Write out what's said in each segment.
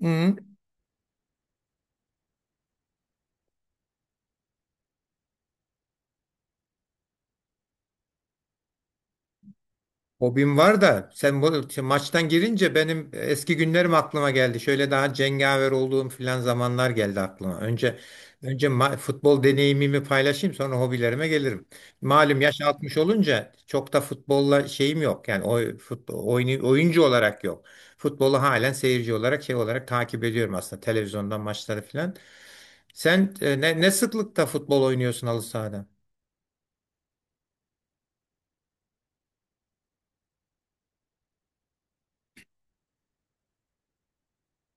Hı. Hobim var da sen bu maçtan girince benim eski günlerim aklıma geldi. Şöyle daha cengaver olduğum filan zamanlar geldi aklıma. Önce futbol deneyimimi paylaşayım, sonra hobilerime gelirim. Malum yaş 60 olunca çok da futbolla şeyim yok. Yani futbol, oyuncu olarak yok. Futbolu halen seyirci olarak şey olarak takip ediyorum aslında, televizyondan maçları filan. Sen ne sıklıkta futbol oynuyorsun halı sahada?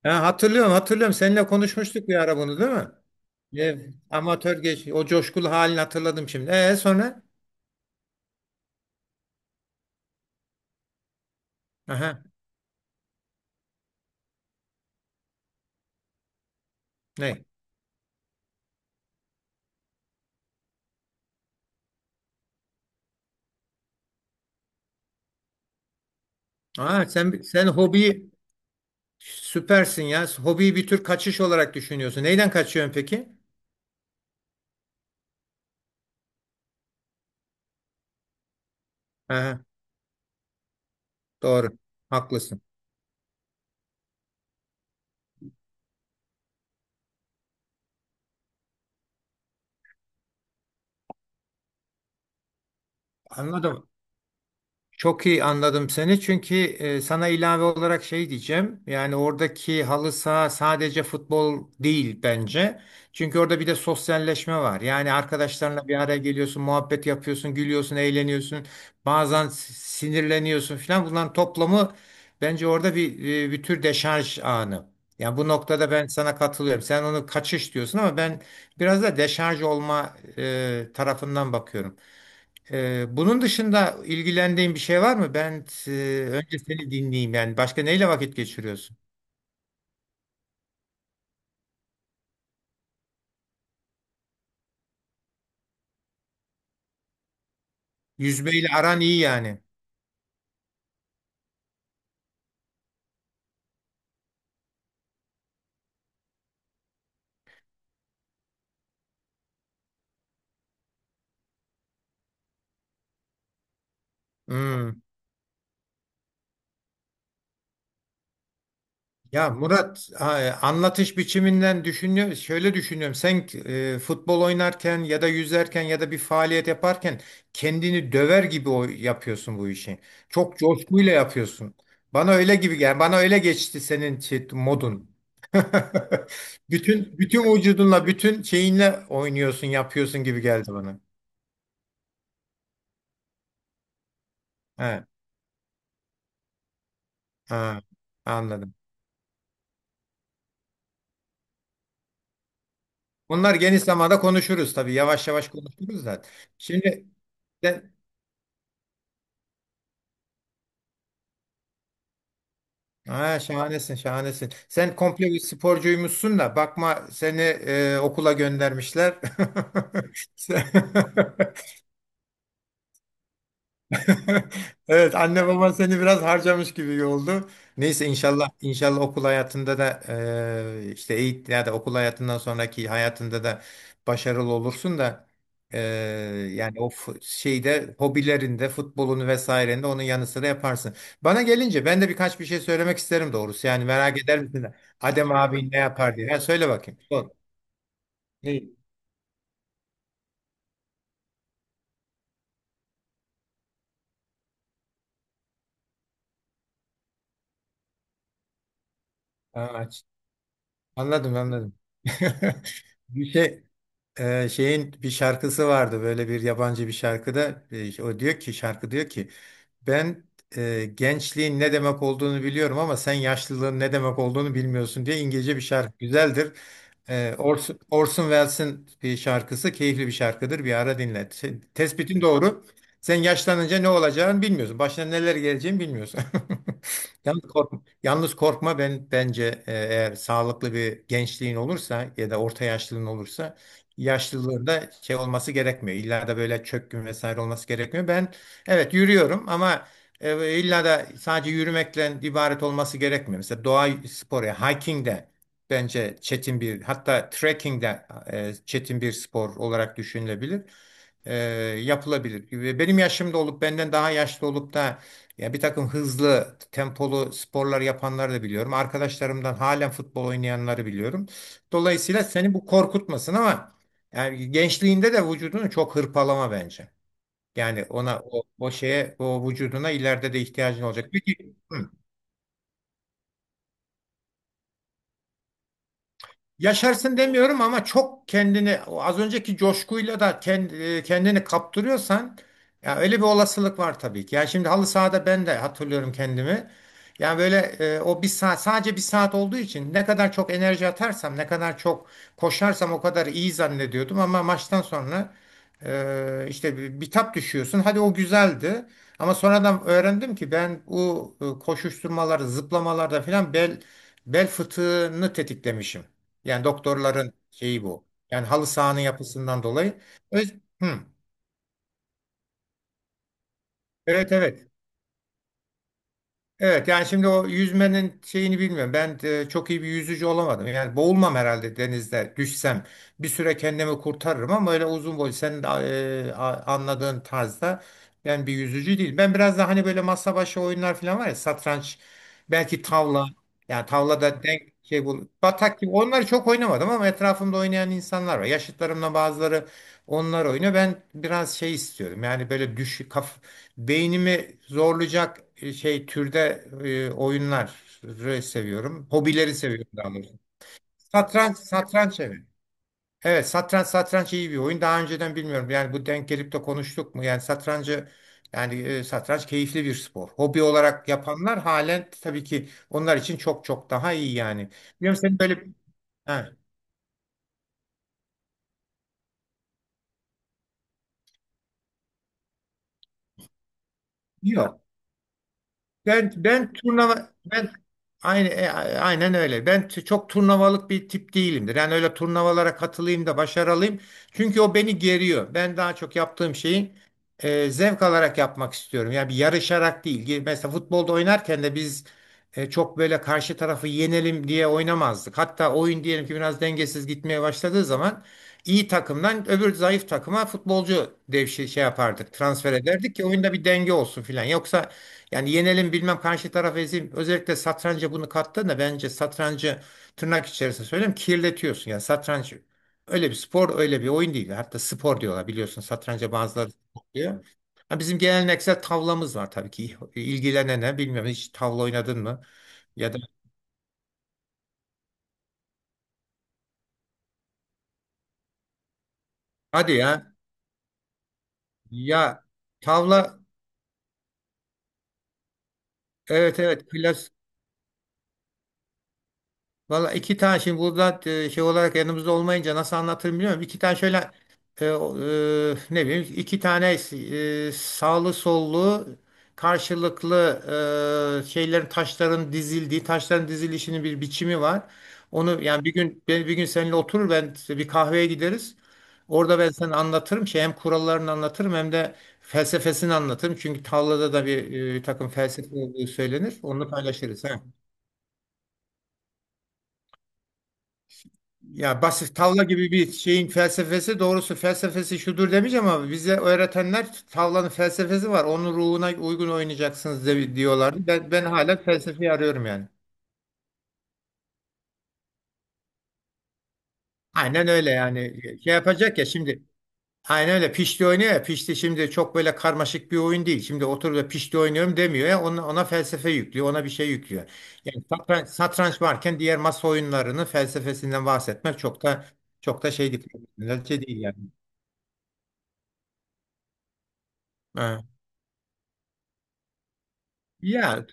Ha, hatırlıyorum hatırlıyorum, seninle konuşmuştuk bir ara bunu, değil mi? Evet, amatör geç. O coşkulu halini hatırladım şimdi. E, sonra? Aha, ne? Aa, sen hobi, süpersin ya. Hobiyi bir tür kaçış olarak düşünüyorsun. Neyden kaçıyorsun peki? Aha, doğru. Haklısın. Anladım. Çok iyi anladım seni, çünkü sana ilave olarak şey diyeceğim. Yani oradaki halı saha sadece futbol değil bence. Çünkü orada bir de sosyalleşme var. Yani arkadaşlarınla bir araya geliyorsun, muhabbet yapıyorsun, gülüyorsun, eğleniyorsun. Bazen sinirleniyorsun falan. Bunların toplamı bence orada bir bir tür deşarj anı. Yani bu noktada ben sana katılıyorum. Sen onu kaçış diyorsun ama ben biraz da deşarj olma tarafından bakıyorum. Bunun dışında ilgilendiğin bir şey var mı? Ben önce seni dinleyeyim yani. Başka neyle vakit geçiriyorsun? Yüzmeyle aran iyi yani. Hmm. Ya Murat, anlatış biçiminden şöyle düşünüyorum. Sen futbol oynarken ya da yüzerken ya da bir faaliyet yaparken kendini döver gibi yapıyorsun bu işi. Çok coşkuyla yapıyorsun. Bana öyle gibi gel. Bana öyle geçti senin modun. Bütün vücudunla, bütün şeyinle oynuyorsun, yapıyorsun gibi geldi bana. He, ha, anladım. Bunlar geniş zamanda konuşuruz tabii. Yavaş yavaş konuşuruz da. Şimdi Ha, şahanesin, şahanesin. Sen komple bir sporcuymuşsun da bakma, seni okula göndermişler. Sen- Evet, anne baban seni biraz harcamış gibi oldu. Neyse, inşallah inşallah okul hayatında da işte eğitim ya da okul hayatından sonraki hayatında da başarılı olursun da e, yani o şeyde, hobilerinde futbolunu vesairende onun yanı sıra yaparsın. Bana gelince, ben de birkaç bir şey söylemek isterim doğrusu. Yani merak eder misin? Adem abi ne yapar diye. Ha, söyle bakayım. Sor. Ne? Ha, aç. Anladım anladım. Bir şey Şeyin bir şarkısı vardı, böyle bir yabancı bir şarkıda o diyor ki, şarkı diyor ki ben gençliğin ne demek olduğunu biliyorum ama sen yaşlılığın ne demek olduğunu bilmiyorsun diye. İngilizce bir şarkı, güzeldir. Orson Welles'in bir şarkısı, keyifli bir şarkıdır. Bir ara dinle. Tespitin doğru. Sen yaşlanınca ne olacağını bilmiyorsun. Başına neler geleceğini bilmiyorsun. Yalnız korkma, yalnız korkma, bence eğer sağlıklı bir gençliğin olursa ya da orta yaşlılığın olursa yaşlılığında şey olması gerekmiyor. İlla da böyle çökkün vesaire olması gerekmiyor. Ben evet yürüyorum ama illa da sadece yürümekle ibaret olması gerekmiyor. Mesela doğa sporu, hiking de, bence çetin bir, hatta trekking de çetin bir spor olarak düşünülebilir. E, Yapılabilir. Ve benim yaşımda olup benden daha yaşlı olup da ya bir takım hızlı, tempolu sporlar yapanları da biliyorum. Arkadaşlarımdan halen futbol oynayanları biliyorum. Dolayısıyla seni bu korkutmasın ama yani gençliğinde de vücudunu çok hırpalama bence. Yani ona o şeye, o vücuduna ileride de ihtiyacın olacak. Peki. Hı. Yaşarsın demiyorum ama çok kendini o az önceki coşkuyla da kendini kaptırıyorsan ya öyle bir olasılık var tabii ki. Ya şimdi halı sahada ben de hatırlıyorum kendimi. Yani böyle o bir saat, sadece bir saat olduğu için ne kadar çok enerji atarsam, ne kadar çok koşarsam o kadar iyi zannediyordum ama maçtan sonra işte bitap düşüyorsun. Hadi o güzeldi ama sonradan öğrendim ki ben bu koşuşturmaları, zıplamalarda falan bel fıtığını tetiklemişim. Yani doktorların şeyi bu. Yani halı sahanın yapısından dolayı. Öz- Hı. Evet evet. Evet yani şimdi o yüzmenin şeyini bilmiyorum. Ben de çok iyi bir yüzücü olamadım. Yani boğulmam herhalde, denizde düşsem. Bir süre kendimi kurtarırım ama öyle uzun boy senin de, anladığın tarzda ben bir yüzücü değil. Ben biraz daha hani böyle masa başı oyunlar falan var ya, satranç, belki tavla. Yani tavlada denk şey bul, batak gibi onları çok oynamadım ama etrafımda oynayan insanlar var. Yaşıtlarımla bazıları onlar oynuyor. Ben biraz şey istiyorum. Yani böyle düş kaf beynimi zorlayacak şey türde oyunları seviyorum. Hobileri seviyorum daha doğrusu. Satranç, satranç, evet. Evet, satranç satranç iyi bir oyun. Daha önceden bilmiyorum. Yani bu, denk gelip de konuştuk mu? Yani satrancı, yani satranç keyifli bir spor. Hobi olarak yapanlar halen, tabii ki onlar için çok çok daha iyi yani. Biliyorum senin böyle Ha, yok. Ben ben turnuva ben aynı e, aynen öyle. Ben çok turnuvalık bir tip değilimdir. Yani öyle turnuvalara katılayım da başarılıyım. Çünkü o beni geriyor. Ben daha çok yaptığım şeyi zevk alarak yapmak istiyorum. Yani bir yarışarak değil. Ge- mesela futbolda oynarken de biz çok böyle karşı tarafı yenelim diye oynamazdık. Hatta oyun, diyelim ki biraz dengesiz gitmeye başladığı zaman iyi takımdan öbür zayıf takıma futbolcu devşi şey yapardık. Transfer ederdik ki oyunda bir denge olsun filan. Yoksa yani yenelim, bilmem karşı tarafı ezeyim. Özellikle satranca bunu kattığında bence satrancı, tırnak içerisinde söyleyeyim, kirletiyorsun. Yani satranç öyle bir spor, öyle bir oyun değil. Hatta spor diyorlar, biliyorsun, satranca bazıları spor diyor. Ha, bizim geleneksel tavlamız var tabii ki. İlgilenene bilmiyorum, hiç tavla oynadın mı? Ya da hadi ya, ya tavla, evet evet, klas. Valla iki tane, şimdi burada şey olarak yanımızda olmayınca nasıl anlatırım bilmiyorum. İki tane şöyle ne bileyim, iki tane sağlı sollu, karşılıklı şeylerin, taşların dizildiği, taşların dizilişinin bir biçimi var. Onu yani bir gün, ben bir gün seninle oturur, ben bir kahveye gideriz. Orada ben sana anlatırım şey, hem kurallarını anlatırım hem de felsefesini anlatırım. Çünkü tavlada da bir takım felsefe olduğu söylenir. Onu paylaşırız. He. Ya basit tavla gibi bir şeyin felsefesi, doğrusu felsefesi şudur demeyeceğim ama bize öğretenler tavlanın felsefesi var, onun ruhuna uygun oynayacaksınız diyorlardı. Ben hala felsefeyi arıyorum yani. Aynen öyle yani. Şey yapacak ya şimdi. Aynen öyle, pişti oynuyor ya, pişti şimdi çok böyle karmaşık bir oyun değil. Şimdi oturup da pişti oynuyorum demiyor ya, ona, ona felsefe yüklüyor, ona bir şey yüklüyor. Yani satranç, satranç varken diğer masa oyunlarının felsefesinden bahsetmek çok da çok da şey değil. Şey değil yani. Ha. Ya,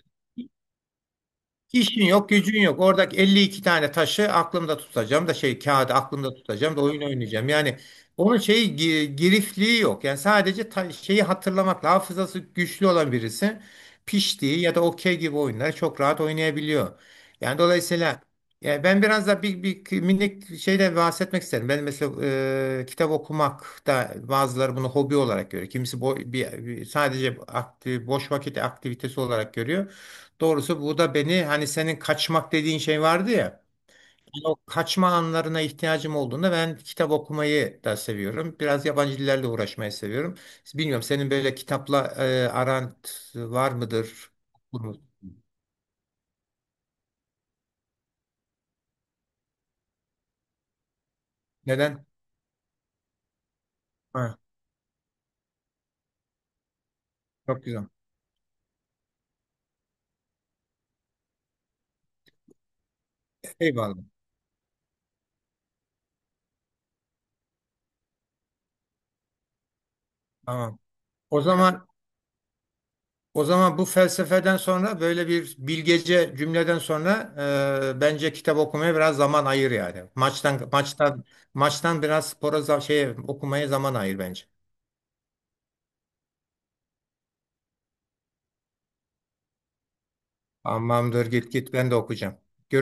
İşin yok, gücün yok. Oradaki 52 tane taşı aklımda tutacağım da şey kağıdı aklımda tutacağım da oyun oynayacağım. Yani onun şeyi girifliği yok. Yani sadece şeyi hatırlamakla hafızası güçlü olan birisi piştiği ya da okey gibi oyunları çok rahat oynayabiliyor. Yani dolayısıyla, yani ben biraz da bir minik şeyden bahsetmek isterim. Ben mesela kitap okumak da, bazıları bunu hobi olarak görüyor. Kimisi sadece boş vakit aktivitesi olarak görüyor. Doğrusu bu da beni, hani senin kaçmak dediğin şey vardı ya, hani o kaçma anlarına ihtiyacım olduğunda ben kitap okumayı da seviyorum. Biraz yabancı dillerle uğraşmayı seviyorum. Bilmiyorum senin böyle kitapla aran var mıdır? Olur mu? Neden? Ha, çok güzel. Eyvallah. Tamam. O zaman o zaman bu felsefeden sonra, böyle bir bilgece cümleden sonra bence kitap okumaya biraz zaman ayır yani. Maçtan biraz spora, şeye, okumaya zaman ayır bence. Tamamdır, git git, ben de okuyacağım.